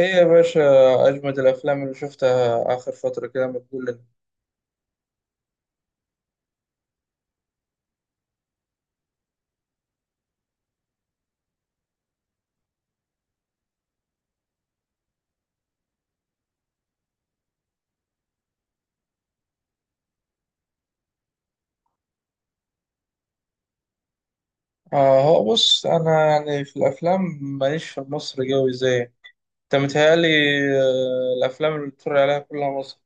ايه يا باشا، اجمد الافلام اللي شفتها اخر فتره كده ما تقول لنا؟ اه هو بص، انا يعني في الافلام ماليش في مصر قوي، زي انت متهيألي. الافلام اللي بتتفرج عليها كلها مصر.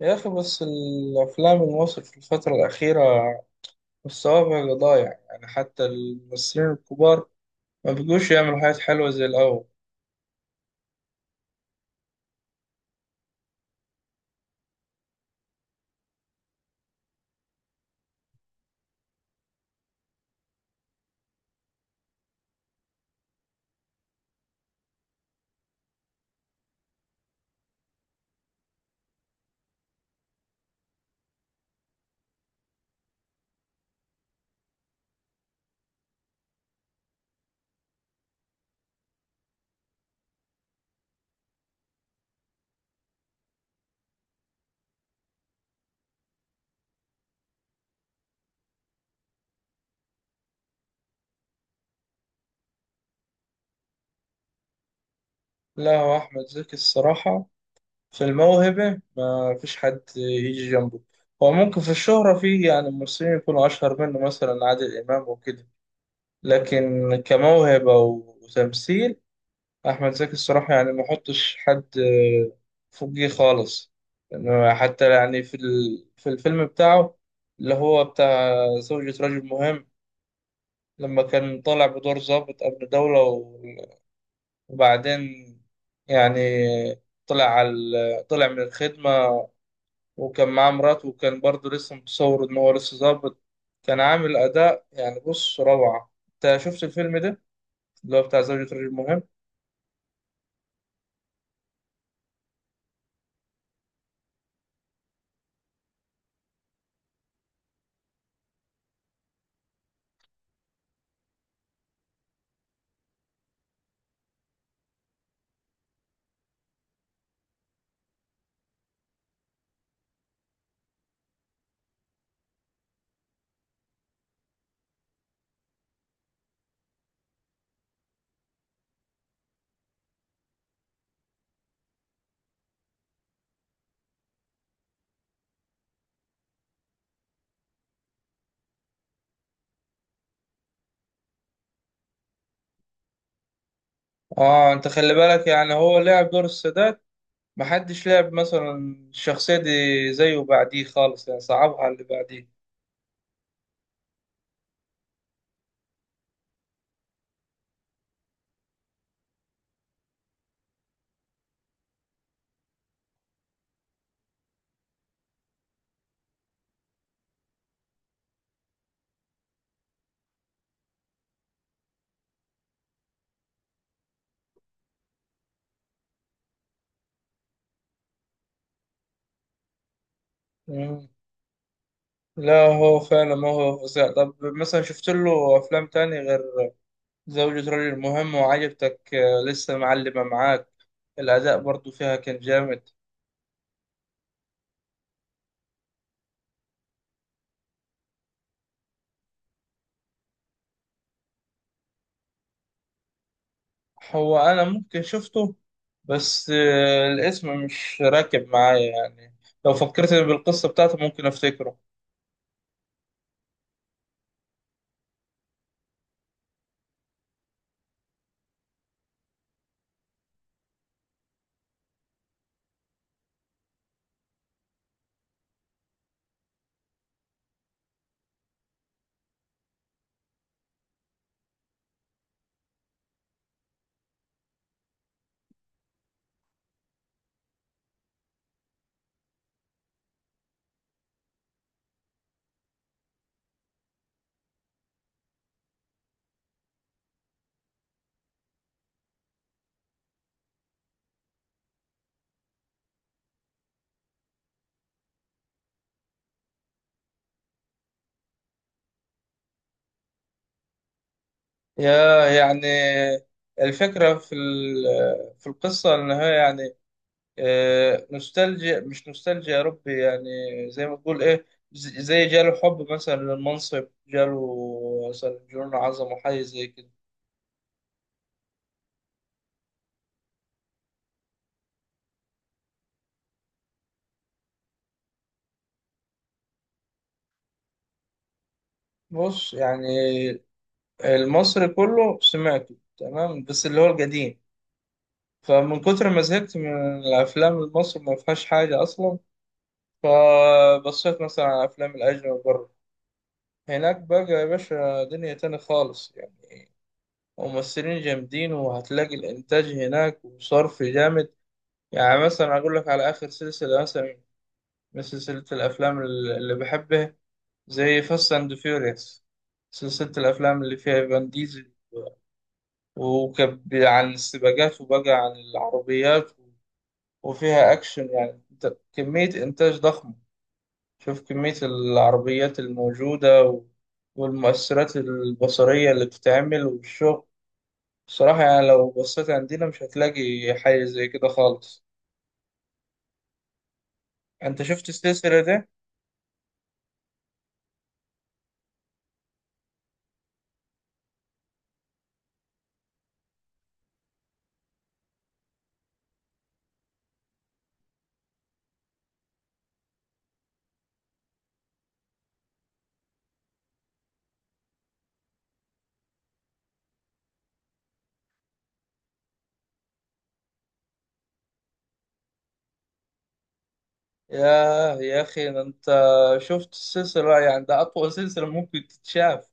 يا اخي، بس الافلام المصري في الفتره الاخيره مستواها بقى ضايع، يعني حتى الممثلين الكبار ما بيجوش يعملوا حاجات حلوه زي الاول. لا، هو احمد زكي الصراحه في الموهبة ما فيش حد يجي جنبه. هو ممكن في الشهرة، في يعني ممثلين يكونوا أشهر منه، مثلا عادل إمام وكده، لكن كموهبة وتمثيل أحمد زكي الصراحة يعني ما حطش حد فوقيه خالص. لأنه حتى يعني في الفيلم بتاعه اللي هو بتاع زوجة رجل مهم، لما كان طالع بدور ضابط أمن دولة وبعدين يعني طلع على طلع من الخدمة، وكان معاه مراته، وكان برضه لسه متصور إن هو لسه ظابط، كان عامل أداء، يعني بص روعة. أنت شفت الفيلم ده اللي هو بتاع زوجة رجل مهم؟ آه، أنت خلي بالك يعني هو لعب دور السادات، محدش لعب مثلا الشخصية دي زيه بعديه خالص، يعني صعبها على اللي بعديه. مم. لا، هو فعلا ما هو فظيع. طب مثلا شفت له أفلام تاني غير زوجة رجل مهم وعجبتك، لسه معلمة معاك الأداء برضو فيها كان جامد؟ هو انا ممكن شفته، بس الاسم مش راكب معايا يعني، لو فكرت بالقصة بتاعته ممكن افتكره. يا يعني الفكرة في القصة ان هي يعني نوستالجيا، مش نوستالجيا يا ربي يعني، زي ما تقول ايه، زي جاله حب مثلا للمنصب، جاله مثلا جنون عظمة، حاجة زي كده. بص يعني المصري كله سمعته تمام، بس اللي هو القديم، فمن كتر ما زهقت من الأفلام المصري ما فيهاش حاجة أصلا، فبصيت مثلا على أفلام الأجنبي بره. هناك بقى يا باشا دنيا تاني خالص يعني، ممثلين جامدين، وهتلاقي الإنتاج هناك وصرف جامد. يعني مثلا أقول لك على آخر سلسلة، مثلا من سلسلة الأفلام اللي بحبها، زي فاست أند فيوريوس، سلسلة الأفلام اللي فيها فان ديزل، وكان عن السباقات وبقى عن العربيات، وفيها أكشن. يعني كمية إنتاج ضخمة، شوف كمية العربيات الموجودة والمؤثرات البصرية اللي بتتعمل والشغل. بصراحة يعني لو بصيت عندنا مش هتلاقي حاجة زي كده خالص. أنت شفت السلسلة دي؟ ياه يا أخي، ده أنت شفت السلسلة، يعني ده أطول سلسلة ممكن تتشاف،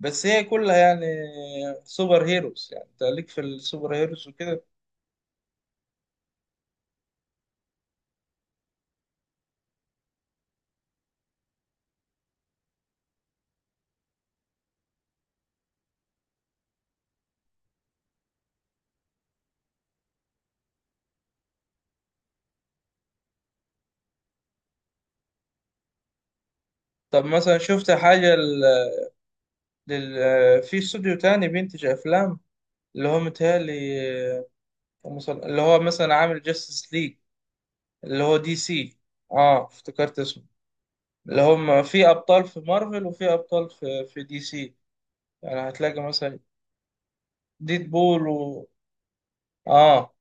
بس هي كلها يعني سوبر هيروز. يعني أنت ليك في السوبر هيروز وكده؟ طب مثلا شفت حاجة في استوديو تاني بينتج أفلام، اللي هو متهيألي، آه، اللي هو مثلا عامل جاستس ليج اللي هو دي سي، اه افتكرت اسمه، اللي هم في أبطال في مارفل وفي أبطال في دي سي. يعني هتلاقي مثلا ديد بول و... اه.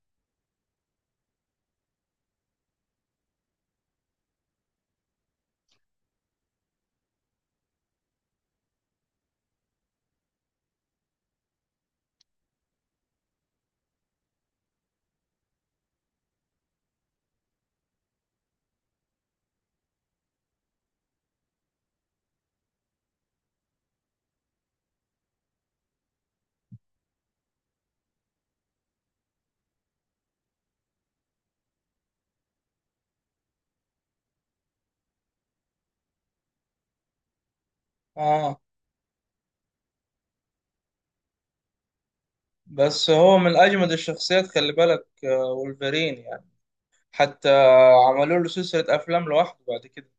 اه، بس هو من أجمد الشخصيات خلي بالك، وولفرين يعني، حتى عملوا له سلسلة أفلام لوحده بعد كده.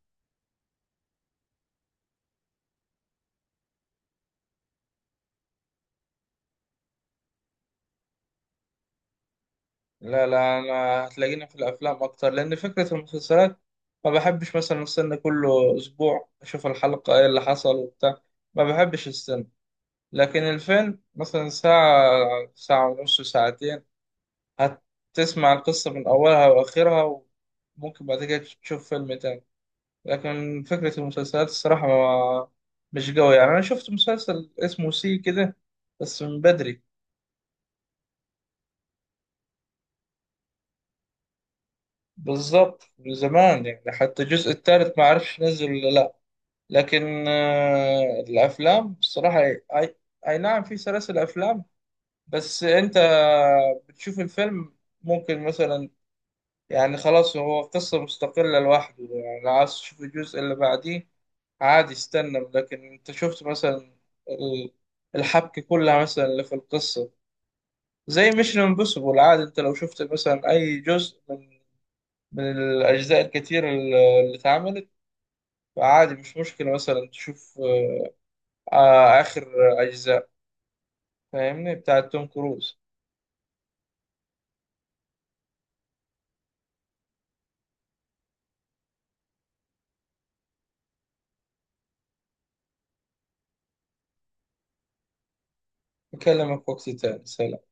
لا لا، انا هتلاقيني في الافلام اكتر، لان فكره المسلسلات ما بحبش مثلا استنى كل اسبوع اشوف الحلقه ايه اللي حصل وبتاع، ما بحبش استنى. لكن الفيلم مثلا ساعه، ساعه ونص، ساعتين هتسمع القصه من اولها واخرها، وممكن بعد كده تشوف فيلم تاني. لكن فكره المسلسلات الصراحه ما مش قوي يعني. انا شفت مسلسل اسمه سي كده، بس من بدري بالظبط، من زمان يعني، حتى الجزء الثالث ما عرفش نزل ولا لا. لكن الافلام بصراحه اي نعم في سلاسل افلام، بس انت بتشوف الفيلم ممكن مثلا يعني خلاص، هو قصه مستقله لوحده، يعني لو عايز تشوف الجزء اللي بعديه عادي استنى، لكن انت شفت مثلا ال- الحبكه كلها مثلا اللي في القصه. زي ميشن امبوسيبل، عادي انت لو شفت مثلا اي جزء من من الاجزاء الكتير اللي اتعملت، فعادي مش مشكله مثلا تشوف اخر اجزاء فاهمني بتاعت توم كروز. أكلمك وقت تاني، سلام.